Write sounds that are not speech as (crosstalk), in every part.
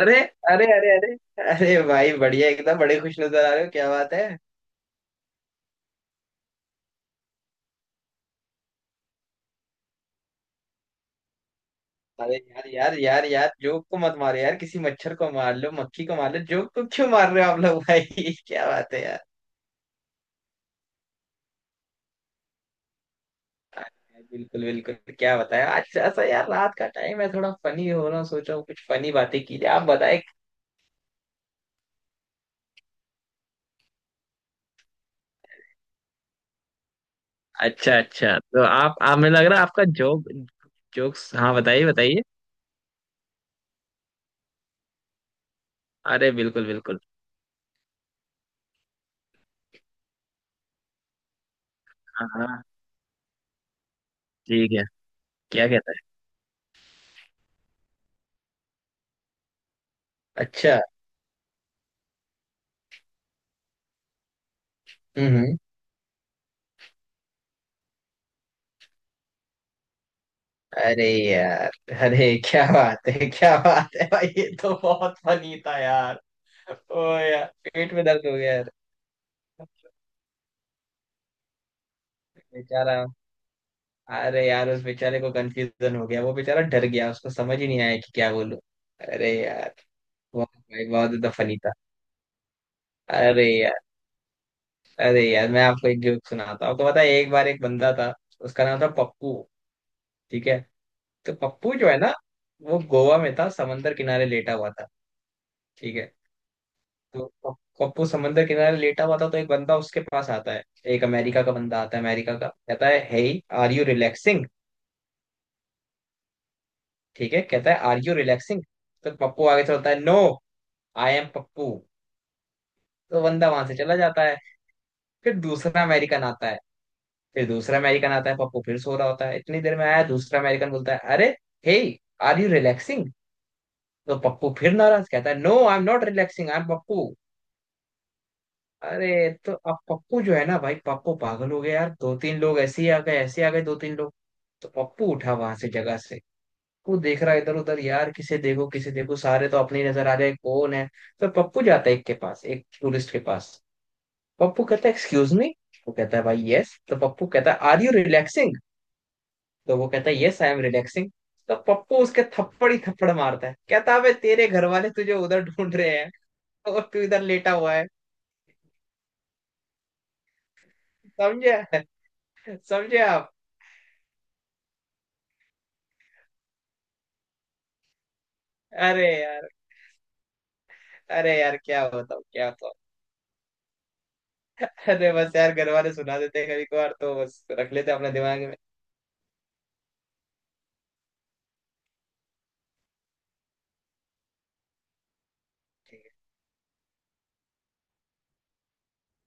अरे अरे अरे अरे अरे भाई बढ़िया, एकदम बड़े खुश नजर आ रहे हो, क्या बात है। अरे यार यार यार यार, जोक को मत मारो यार, किसी मच्छर को मार लो, मक्खी को मार लो, जोक को क्यों मार रहे हो आप लोग भाई। (laughs) क्या बात है यार। बिल्कुल बिल्कुल, क्या बताएं, आज ऐसा यार रात का टाइम है, थोड़ा फनी हो रहा हूँ, सोच रहा हूँ कुछ फनी बातें की जाए, आप बताएं। अच्छा अच्छा, तो आप मुझे लग रहा है आपका जोक, जोक्स, हाँ बताइए बताइए। अरे बिल्कुल बिल्कुल। हाँ हाँ ठीक है। क्या कहता है। अच्छा। हम्म। अरे यार, अरे क्या बात है, क्या बात है भाई, ये तो बहुत फनी था यार। ओ यार पेट में दर्द हो गया यार। बेचारा। अरे यार उस बेचारे को कंफ्यूजन हो गया, वो बेचारा डर गया, उसको समझ ही नहीं आया कि क्या बोलूं। अरे यार, बहुत भाई, बहुत ज्यादा फनी था। अरे यार, अरे यार, मैं आपको एक जोक सुनाता हूँ। आपको पता है, एक बार एक बंदा था, उसका नाम था पप्पू। ठीक है। तो पप्पू जो है ना, वो गोवा में था, समंदर किनारे लेटा हुआ था। ठीक है। तो कप्पू समंदर किनारे लेटा हुआ था, तो एक बंदा उसके पास आता है। एक अमेरिका का बंदा आता है, अमेरिका का, कहता है, हे, आर यू रिलैक्सिंग। ठीक है, कहता है आर यू रिलैक्सिंग। तो पप्पू आगे चलता है, नो, आई एम पप्पू। तो बंदा वहां से चला जाता है। फिर दूसरा अमेरिकन आता है। फिर दूसरा अमेरिकन आता है, पप्पू फिर सो रहा होता है, इतनी देर में आया दूसरा अमेरिकन, बोलता है अरे, हे, आर यू रिलैक्सिंग। तो पप्पू फिर नाराज कहता है, no I am not relaxing, I am Pappu. अरे, तो अब पप्पू जो है ना भाई, पप्पू पागल हो गया यार, दो तीन लोग ऐसे ही आ गए, ऐसे आ गए दो तीन लोग। तो पप्पू उठा वहां से, जगह से। वो देख रहा है इधर उधर यार, किसे देखो किसे देखो, सारे तो अपनी नजर आ रहे हैं, कौन है। तो पप्पू जाता है एक के पास, एक टूरिस्ट के पास। पप्पू कहता है एक्सक्यूज मी। वो कहता है भाई यस। तो पप्पू कहता है, आर यू रिलैक्सिंग। तो वो कहता है, यस आई एम रिलैक्सिंग। तो पप्पू उसके थप्पड़ ही थप्पड़ मारता है, कहता है, "अबे, तेरे घर वाले तुझे उधर ढूंढ रहे हैं और तू इधर लेटा हुआ है"। समझे, समझे आप। अरे यार, अरे यार, क्या बताओ क्या बताओ। अरे बस यार, घर वाले सुना देते हैं कभी कभार, तो बस रख लेते हैं अपने दिमाग में।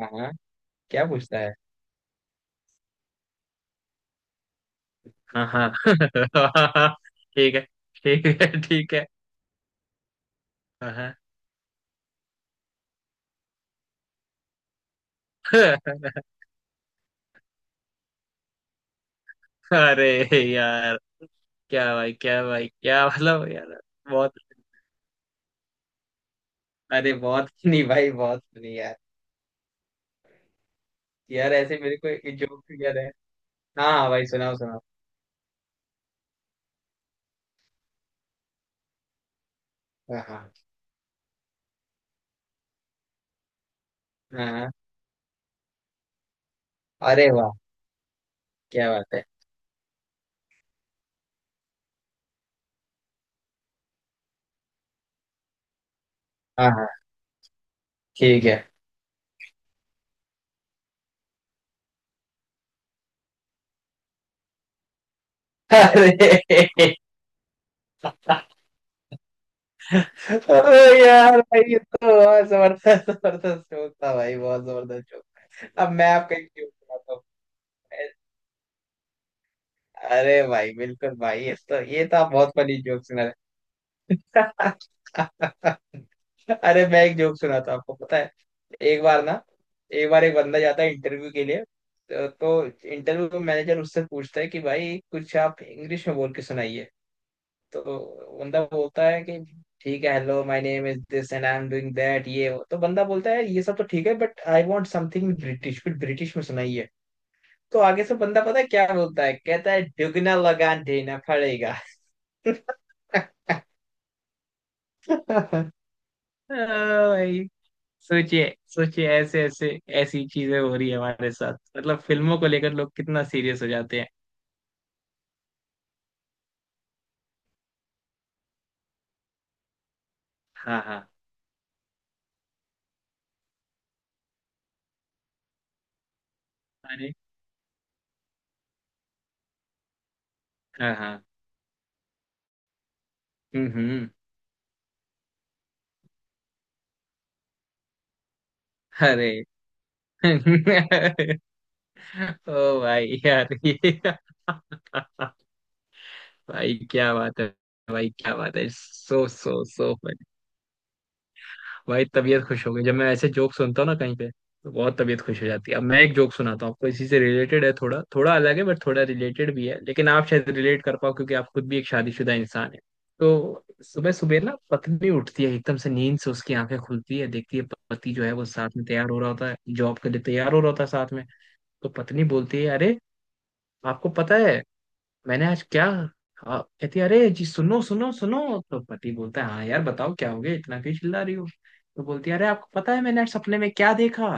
हाँ हाँ। क्या पूछना है। हाँ हाँ। (laughs) ठीक है। ठीक है ठीक है। हाँ हाँ। (laughs) अरे यार, क्या भाई, क्या भाई, क्या मतलब यार, बहुत। अरे बहुत, (laughs) नहीं भाई, बहुत नहीं यार। यार ऐसे मेरे को एक जोक याद है। हाँ हाँ भाई, सुनाओ सुनाओ। हाँ हाँ। हाँ हाँ। अरे वाह, क्या बात है। हाँ हाँ। ठीक है। अरे (laughs) अरे यार भाई, ये तो बहुत जबरदस्त, जबरदस्त जोक था भाई, बहुत जबरदस्त जोक। अब मैं आपका एक जोक सुनाता हूँ। अरे भाई बिल्कुल भाई, ये तो, ये तो आप बहुत फनी जोक सुना रहे। (laughs) अरे मैं एक जोक सुनाता हूँ, आपको पता है। एक बार ना, एक बार एक बंदा जाता है इंटरव्यू के लिए। तो इंटरव्यू मैनेजर उससे पूछता है कि भाई, कुछ आप इंग्लिश में बोल के सुनाइए। तो बंदा बोलता है कि ठीक है, hello my name is this and I am doing that ये वो। तो बंदा बोलता है, ये सब तो ठीक है but I want something British, फिर ब्रिटिश में सुनाइए। तो आगे से बंदा पता है क्या बोलता है, कहता है दुगना लगान देना पड़ेगा। (laughs) ओ भाई, सोचिए सोचिए, ऐसे ऐसे, ऐसी चीजें हो रही है हमारे साथ, मतलब फिल्मों को लेकर लोग कितना सीरियस हो जाते हैं। हाँ हाँ। अरे। हाँ हाँ। हम्म। अरे (laughs) ओ भाई यार ये (laughs) भाई क्या बात है। भाई क्या बात है, सो सो। भाई तबीयत खुश हो गई जब मैं ऐसे जोक सुनता हूँ ना कहीं पे, तो बहुत तबीयत खुश हो जाती है। अब मैं एक जोक सुनाता हूँ आपको, इसी से रिलेटेड है, थोड़ा थोड़ा अलग है बट थोड़ा रिलेटेड भी है, लेकिन आप शायद रिलेट कर पाओ, क्योंकि आप खुद भी एक शादीशुदा इंसान है। तो सुबह सुबह ना पत्नी उठती है एकदम से, नींद से उसकी आंखें खुलती है, देखती है पति जो है वो साथ में तैयार हो रहा होता है, जॉब के लिए तैयार हो रहा होता है साथ में। तो पत्नी बोलती है अरे, आपको पता है मैंने आज क्या, हाँ, कहती है, अरे जी सुनो सुनो सुनो। तो पति बोलता है, हाँ यार बताओ क्या हो गया, इतना क्यों चिल्ला रही हो। तो बोलती है, अरे आपको पता है मैंने आज सपने में क्या देखा।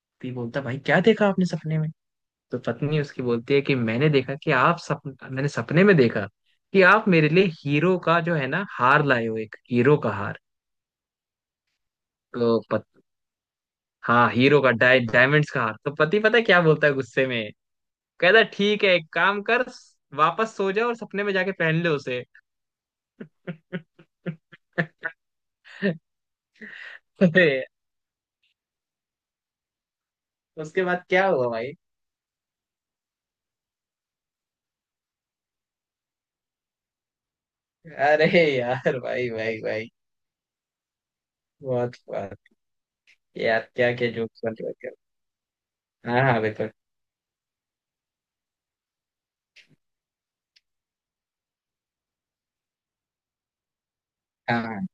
पति बोलता है, भाई क्या देखा आपने सपने में। तो पत्नी उसकी बोलती है कि मैंने देखा कि आप सप मैंने सपने में देखा कि आप मेरे लिए हीरो का जो है ना हार लाए हो, एक हीरो का हार। तो पत, हाँ, हीरो का डायमंड्स का हार। तो पति पता है क्या बोलता है गुस्से में, कहता है, ठीक है एक काम कर, वापस सो जा और सपने में जाके पहन ले उसे। (laughs) अरे, उसके बाद क्या हुआ भाई। अरे यार, भाई भाई भाई, बहुत बात। यार क्या क्या जोक चल रहे थे। हाँ हाँ बिल्कुल। हाँ हाँ।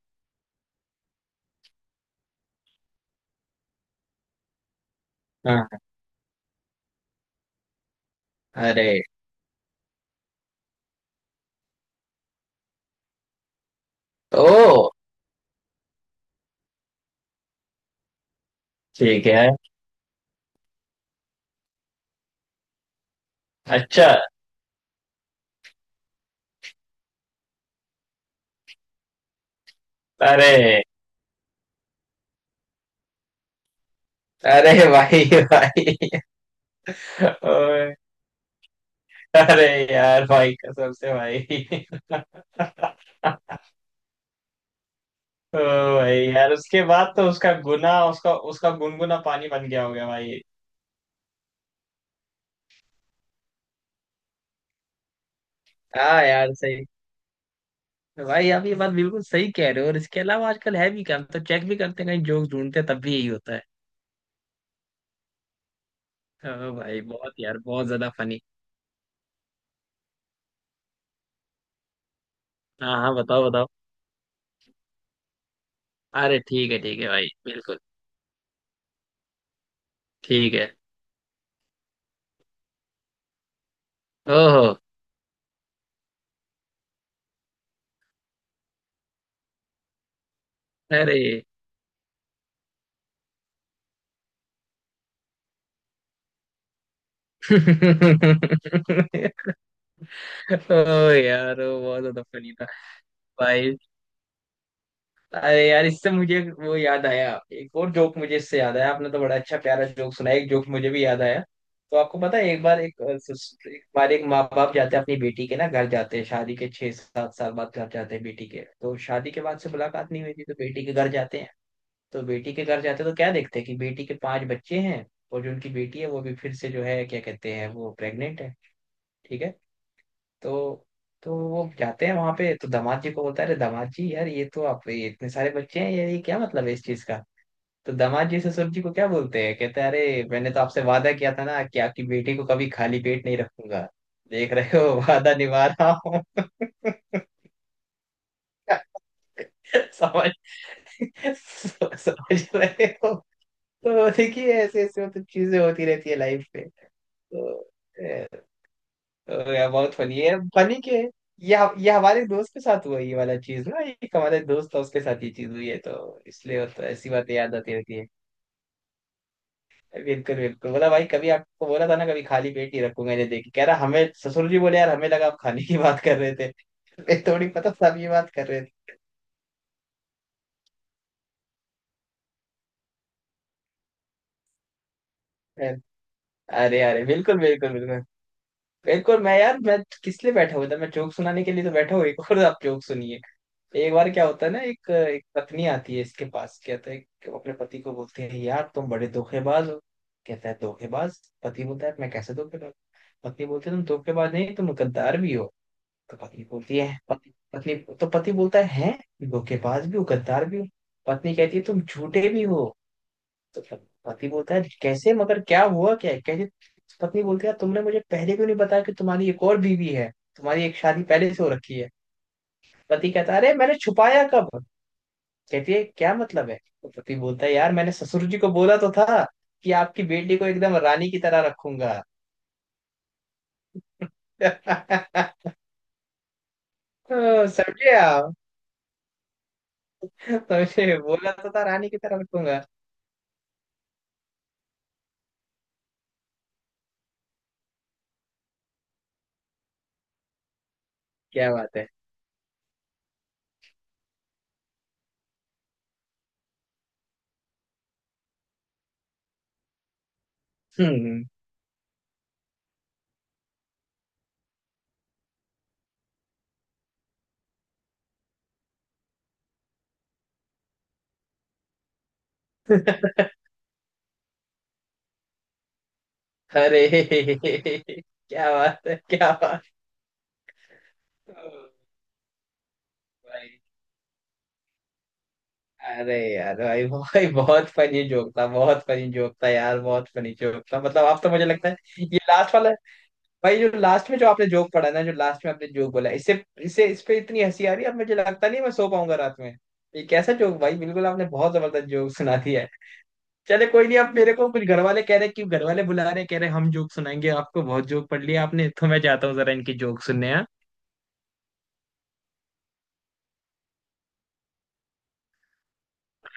हाँ। हाँ। अरे। ओ। ठीक है। अच्छा। अरे। अरे भाई, भाई। ओए, अरे यार भाई, कसम से भाई। (laughs) ओ भाई यार, उसके बाद तो उसका गुना उसका उसका गुनगुना पानी बन गया होगा भाई। हाँ यार सही। तो भाई आप ये बात बिल्कुल सही कह रहे हो, और इसके अलावा आजकल है भी क्या, हम तो चेक भी करते हैं कहीं जोक्स ढूंढते हैं, तब भी यही होता है। ओ भाई बहुत यार, बहुत ज्यादा फनी। हाँ हाँ बताओ बताओ। अरे ठीक है भाई बिल्कुल। ठीक है। ओहो। अरे (laughs) ओ यार, ओ बहुत ज्यादा फनी था। भाई, अरे यार, इससे मुझे वो याद आया, एक और जोक मुझे इससे याद आया, आपने तो बड़ा अच्छा प्यारा जोक सुनाया, एक जोक मुझे भी याद आया। तो आपको पता है, एक बार एक एक बार एक माँ बाप जाते हैं अपनी बेटी के ना घर जाते हैं, शादी के 6-7 साल बाद घर जाते हैं बेटी के, तो शादी के बाद से मुलाकात नहीं हुई थी, तो बेटी के घर जाते हैं। तो बेटी के घर जाते हैं तो क्या देखते हैं कि बेटी के पांच बच्चे हैं, और जो उनकी बेटी है वो भी फिर से जो है क्या कहते हैं वो प्रेग्नेंट है। ठीक है। तो तो वो जाते हैं वहां पे, तो दामाद जी को बोलता है, अरे दामाद जी यार ये तो आप, ये इतने सारे बच्चे हैं यार, ये क्या मतलब है इस चीज का। तो दामाद जी ससुर जी को क्या बोलते हैं, कहते हैं अरे मैंने तो आपसे वादा किया था ना कि आपकी बेटी को कभी खाली पेट नहीं रखूंगा, देख रहे हो (laughs) वादा निभा रहा हूँ। (laughs) समझ, समझ रहे हो। तो देखिए ऐसे ऐसे मतलब चीजें होती रहती है लाइफ में। तो यार बहुत फनी है, फनी के ये ये हमारे दोस्त के साथ हुआ ये वाला चीज ना, एक हमारे दोस्त था उसके साथ ये चीज हुई है, तो इसलिए वो तो ऐसी बातें याद आती रहती है। बिल्कुल बिल्कुल, बोला भाई कभी आपको बोला था ना कभी खाली पेट ही रखूंगा, मैंने देखी, कह रहा हमें ससुर जी बोले, यार हमें लगा आप खाने की बात कर रहे थे, मैं थोड़ी पता सब ये बात कर रहे थे। अरे अरे बिल्कुल बिल्कुल बिल्कुल। बिल्कुल मैं यार, मैं किस लिए बैठा हुआ था, मैं जोक सुनाने के लिए तो बैठा हुआ, एक और आप जोक सुनिए। एक बार क्या होता है ना, एक एक पत्नी आती है इसके पास, कहता है कि वो अपने पति को बोलती है, यार तुम बड़े धोखेबाज हो। कहता है, धोखेबाज। पति बोलता है मैं कैसे धोखेबाज। पत्नी बोलती है, तुम धोखेबाज नहीं, तुम गद्दार भी हो। तो पत्नी बोलती है पति पत्नी। तो पति बोलता है, हैं धोखेबाज भी हो, गद्दार भी हो। पत्नी कहती है, तुम झूठे भी हो। तो प- पति बोलता है, कैसे मगर, क्या हुआ क्या है?" कहती, पत्नी बोलती है, तुमने मुझे पहले क्यों नहीं बताया कि तुम्हारी एक और बीवी है, तुम्हारी एक शादी पहले से हो रखी है। पति कहता है, अरे मैंने छुपाया कब। कहती है, क्या मतलब है। तो पति बोलता है, यार मैंने ससुर जी को बोला तो था कि आपकी बेटी को एकदम रानी की तरह रखूंगा। (laughs) तो समझे आप, समझे, बोला तो था रानी की तरह रखूंगा। क्या बात है। हम्म। (laughs) अरे क्या बात है, क्या बात है भाई। अरे यार भाई भाई, बहुत फनी जोक था, बहुत फनी जोक था यार, बहुत फनी जोक था, मतलब आप तो, मुझे लगता है ये लास्ट वाला। भाई जो लास्ट में जो आपने जोक पढ़ा ना, जो लास्ट में आपने जोक बोला, इससे इससे इस पे इतनी हंसी आ रही है, अब मुझे लगता नहीं है मैं सो पाऊंगा रात में। ये कैसा जोक भाई, बिल्कुल आपने बहुत जबरदस्त जोक सुना दिया है। चले कोई नहीं, आप मेरे को कुछ, घर वाले कह रहे कि घर वाले बुला रहे, कह रहे हम जोक सुनाएंगे, आपको बहुत जोक पढ़ लिया आपने, तो मैं जाता हूँ जरा इनकी जोक सुनने हैं।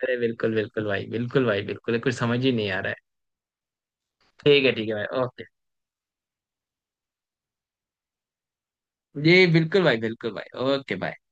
अरे बिल्कुल बिल्कुल भाई, बिल्कुल भाई बिल्कुल, कुछ समझ ही नहीं आ रहा है। ठीक है ठीक है भाई, ओके। जी बिल्कुल भाई, बिल्कुल भाई, ओके भाई।